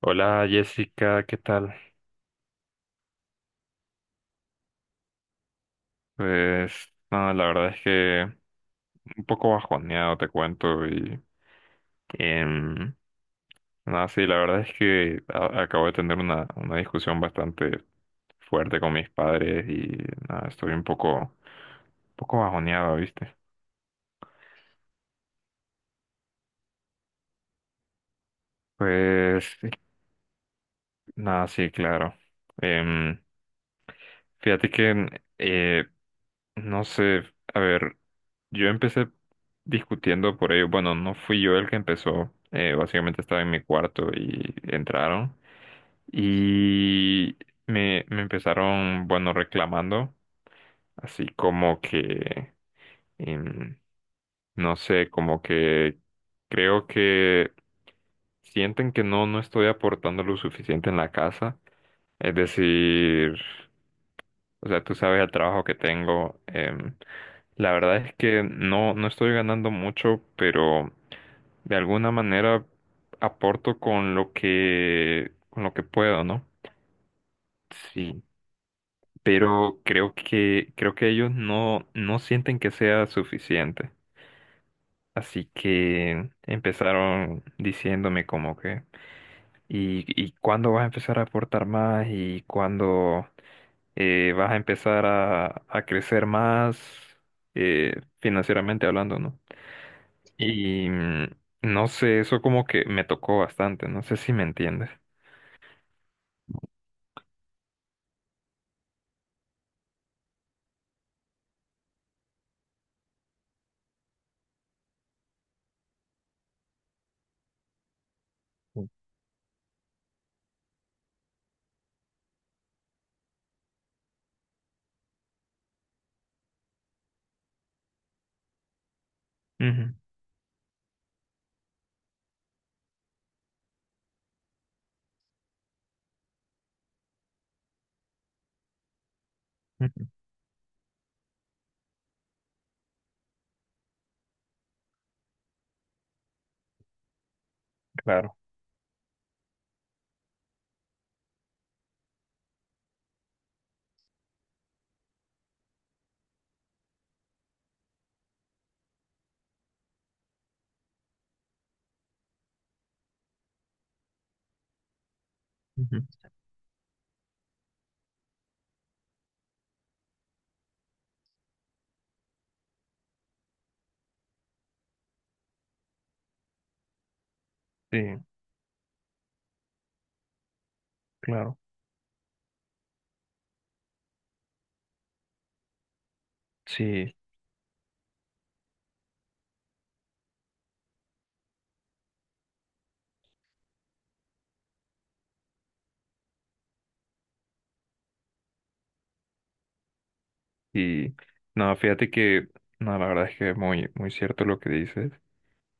Hola Jessica, ¿qué tal? Pues nada, la verdad es que un poco bajoneado te cuento y em, nada, sí, la verdad es que acabo de tener una discusión bastante fuerte con mis padres y nada, estoy un poco bajoneado, ¿viste? Pues nada, sí, claro. Em, Fíjate que, eh, no sé, a ver, yo empecé discutiendo por ello. Bueno, no fui yo el que empezó. Básicamente estaba en mi cuarto y entraron. Y me empezaron, bueno, reclamando, así como que... Em, no sé, como que creo que sienten que no estoy aportando lo suficiente en la casa. Es decir, o sea, tú sabes el trabajo que tengo. La verdad es que no estoy ganando mucho, pero de alguna manera aporto con lo que puedo, ¿no? Sí, pero creo que ellos no sienten que sea suficiente. Así que empezaron diciéndome como que, ¿y cuándo vas a empezar a aportar más? ¿Y cuándo vas a empezar a crecer más financieramente hablando, ¿no? Y no sé, eso como que me tocó bastante, no sé si me entiendes. Ujú, ujú, claro. Ujú, sí, claro. Sí, y no, fíjate que, no, la verdad es que es muy, muy cierto lo que dices.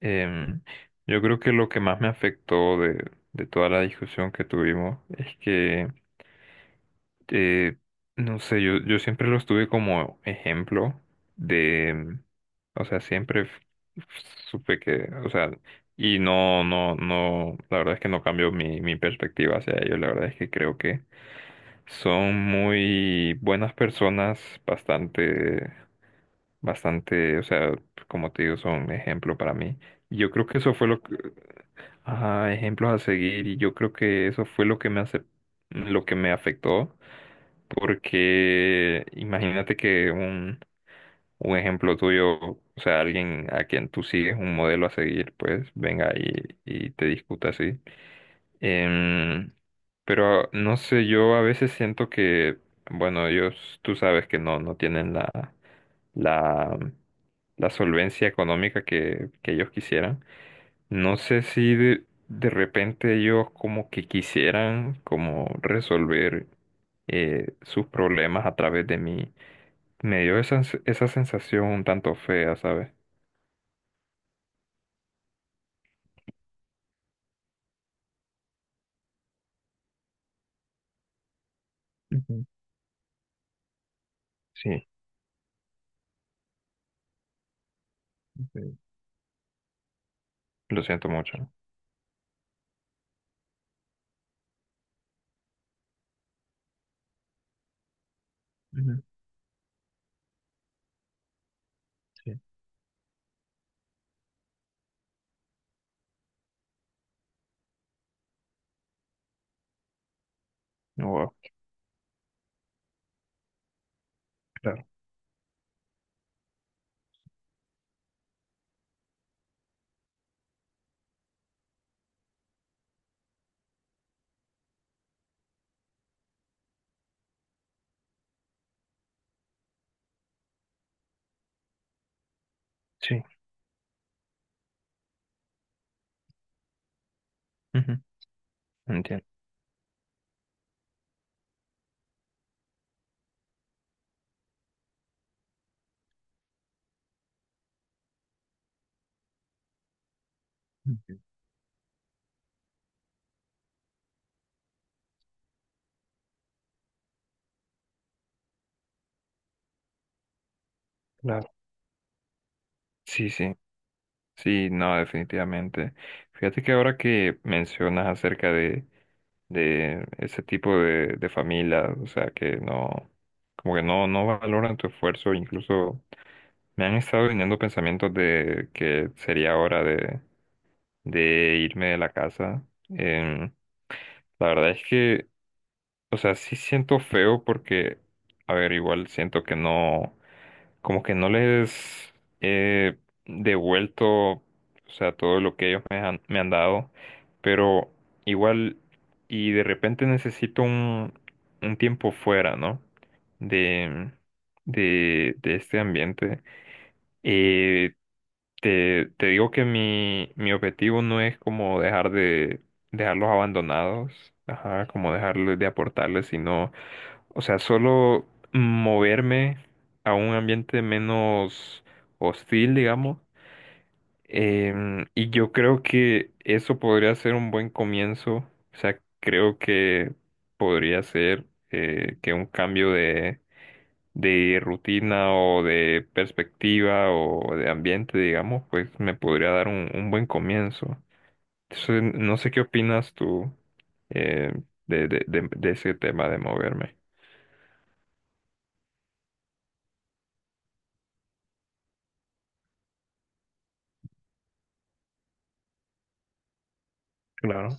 Em, yo creo que lo que más me afectó de toda la discusión que tuvimos es que, eh, no sé, yo siempre los tuve como ejemplo de, o sea, siempre supe que, o sea, y no, la verdad es que no cambió mi perspectiva hacia ellos, la verdad es que creo que son muy buenas personas, bastante, bastante, o sea, como te digo, son ejemplo para mí. Yo creo que eso fue lo, ajá, ejemplos a seguir y yo creo que eso fue lo que me hace, lo que me afectó, porque imagínate que un ejemplo tuyo, o sea, alguien a quien tú sigues un modelo a seguir, pues venga y te discuta así. Em, pero no sé, yo a veces siento que, bueno, ellos, tú sabes que no tienen la, la, la solvencia económica que ellos quisieran. No sé si de repente ellos como que quisieran como resolver sus problemas a través de mí. Me dio esa, esa sensación un tanto fea, ¿sabes? Ujú, sí. Ok, lo siento mucho. Ujú, sí. Wow, claro, sí, ujú, entiendo, ujú. Claro, sí, sí. Sí, no, definitivamente. Fíjate que ahora que mencionas acerca de ese tipo de familia, o sea, que no, como que no valoran tu esfuerzo, incluso me han estado viniendo pensamientos de que sería hora de irme de la casa. Em, la verdad es que, o sea, sí siento feo porque, a ver, igual siento que no como que no les he devuelto, o sea, todo lo que ellos me han dado, pero igual, y de repente necesito un tiempo fuera, ¿no? De, de este ambiente. Eh, te digo que mi objetivo no es como dejar de, dejarlos abandonados, ajá, como dejarles de aportarles, sino o sea, solo moverme a un ambiente menos hostil, digamos. Y yo creo que eso podría ser un buen comienzo. O sea, creo que podría ser que un cambio de rutina o de perspectiva o de ambiente, digamos, pues me podría dar un buen comienzo. Entonces, no sé qué opinas tú eh, de ese tema de moverme. Claro.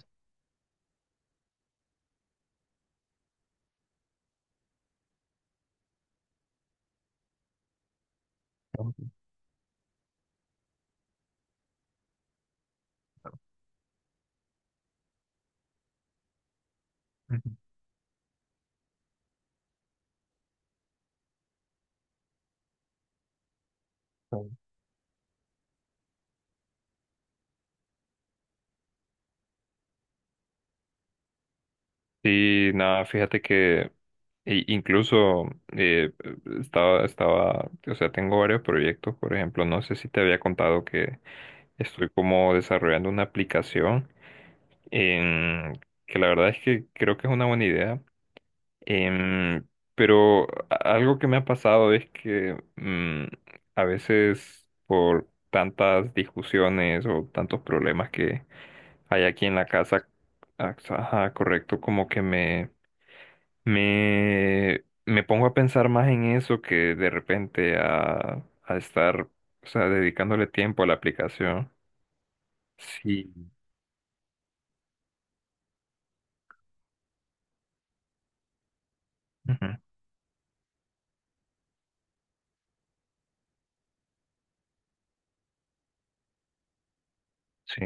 Ujú. Sí, nada, fíjate que incluso eh, estaba, o sea, tengo varios proyectos, por ejemplo, no sé si te había contado que estoy como desarrollando una aplicación en, que la verdad es que creo que es una buena idea. Em, pero algo que me ha pasado es que a veces por tantas discusiones o tantos problemas que hay aquí en la casa, ajá, correcto, como que me pongo a pensar más en eso que de repente a estar, o sea, dedicándole tiempo a la aplicación. Sí. Ujú, sí,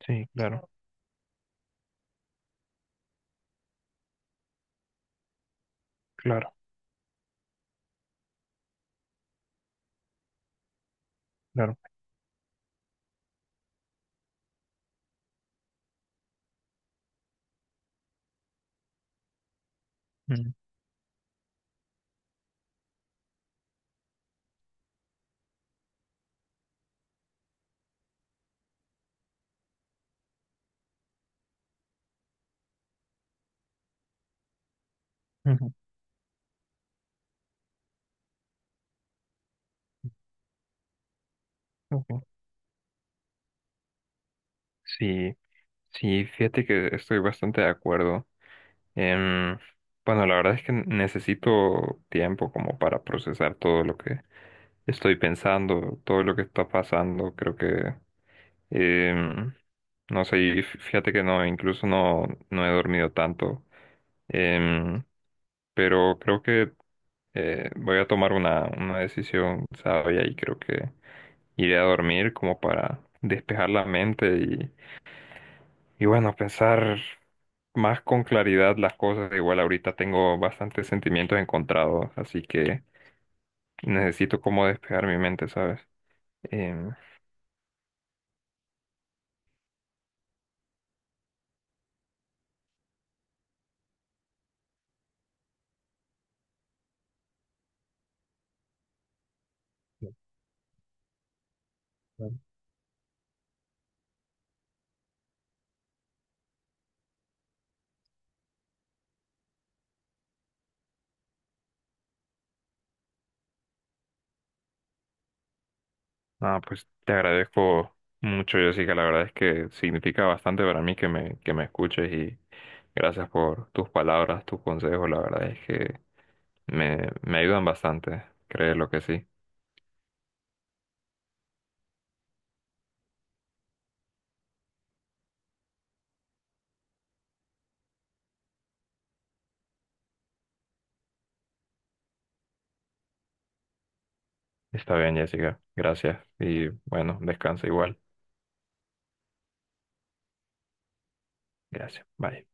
sí, claro, claro, claro. Mm, ujú. Ok. Sí, sí, fíjate que estoy bastante de acuerdo. Em, bueno, la verdad es que necesito tiempo como para procesar todo lo que estoy pensando, todo lo que está pasando. Creo que, em, no sé, y fíjate que no, incluso no he dormido tanto. Em, pero creo que voy a tomar una decisión sabia y creo que iré a dormir como para despejar la mente. Y bueno, pensar más con claridad las cosas. Igual ahorita tengo bastantes sentimientos encontrados, así que necesito como despejar mi mente, ¿sabes? Em, Claro. Ah, pues te agradezco mucho, Jessica. La verdad es que significa bastante para mí que me escuches y gracias por tus palabras, tus consejos. La verdad es que me ayudan bastante, créelo que sí. Está bien, Jessica. Gracias. Y bueno, descansa igual. Gracias. Bye.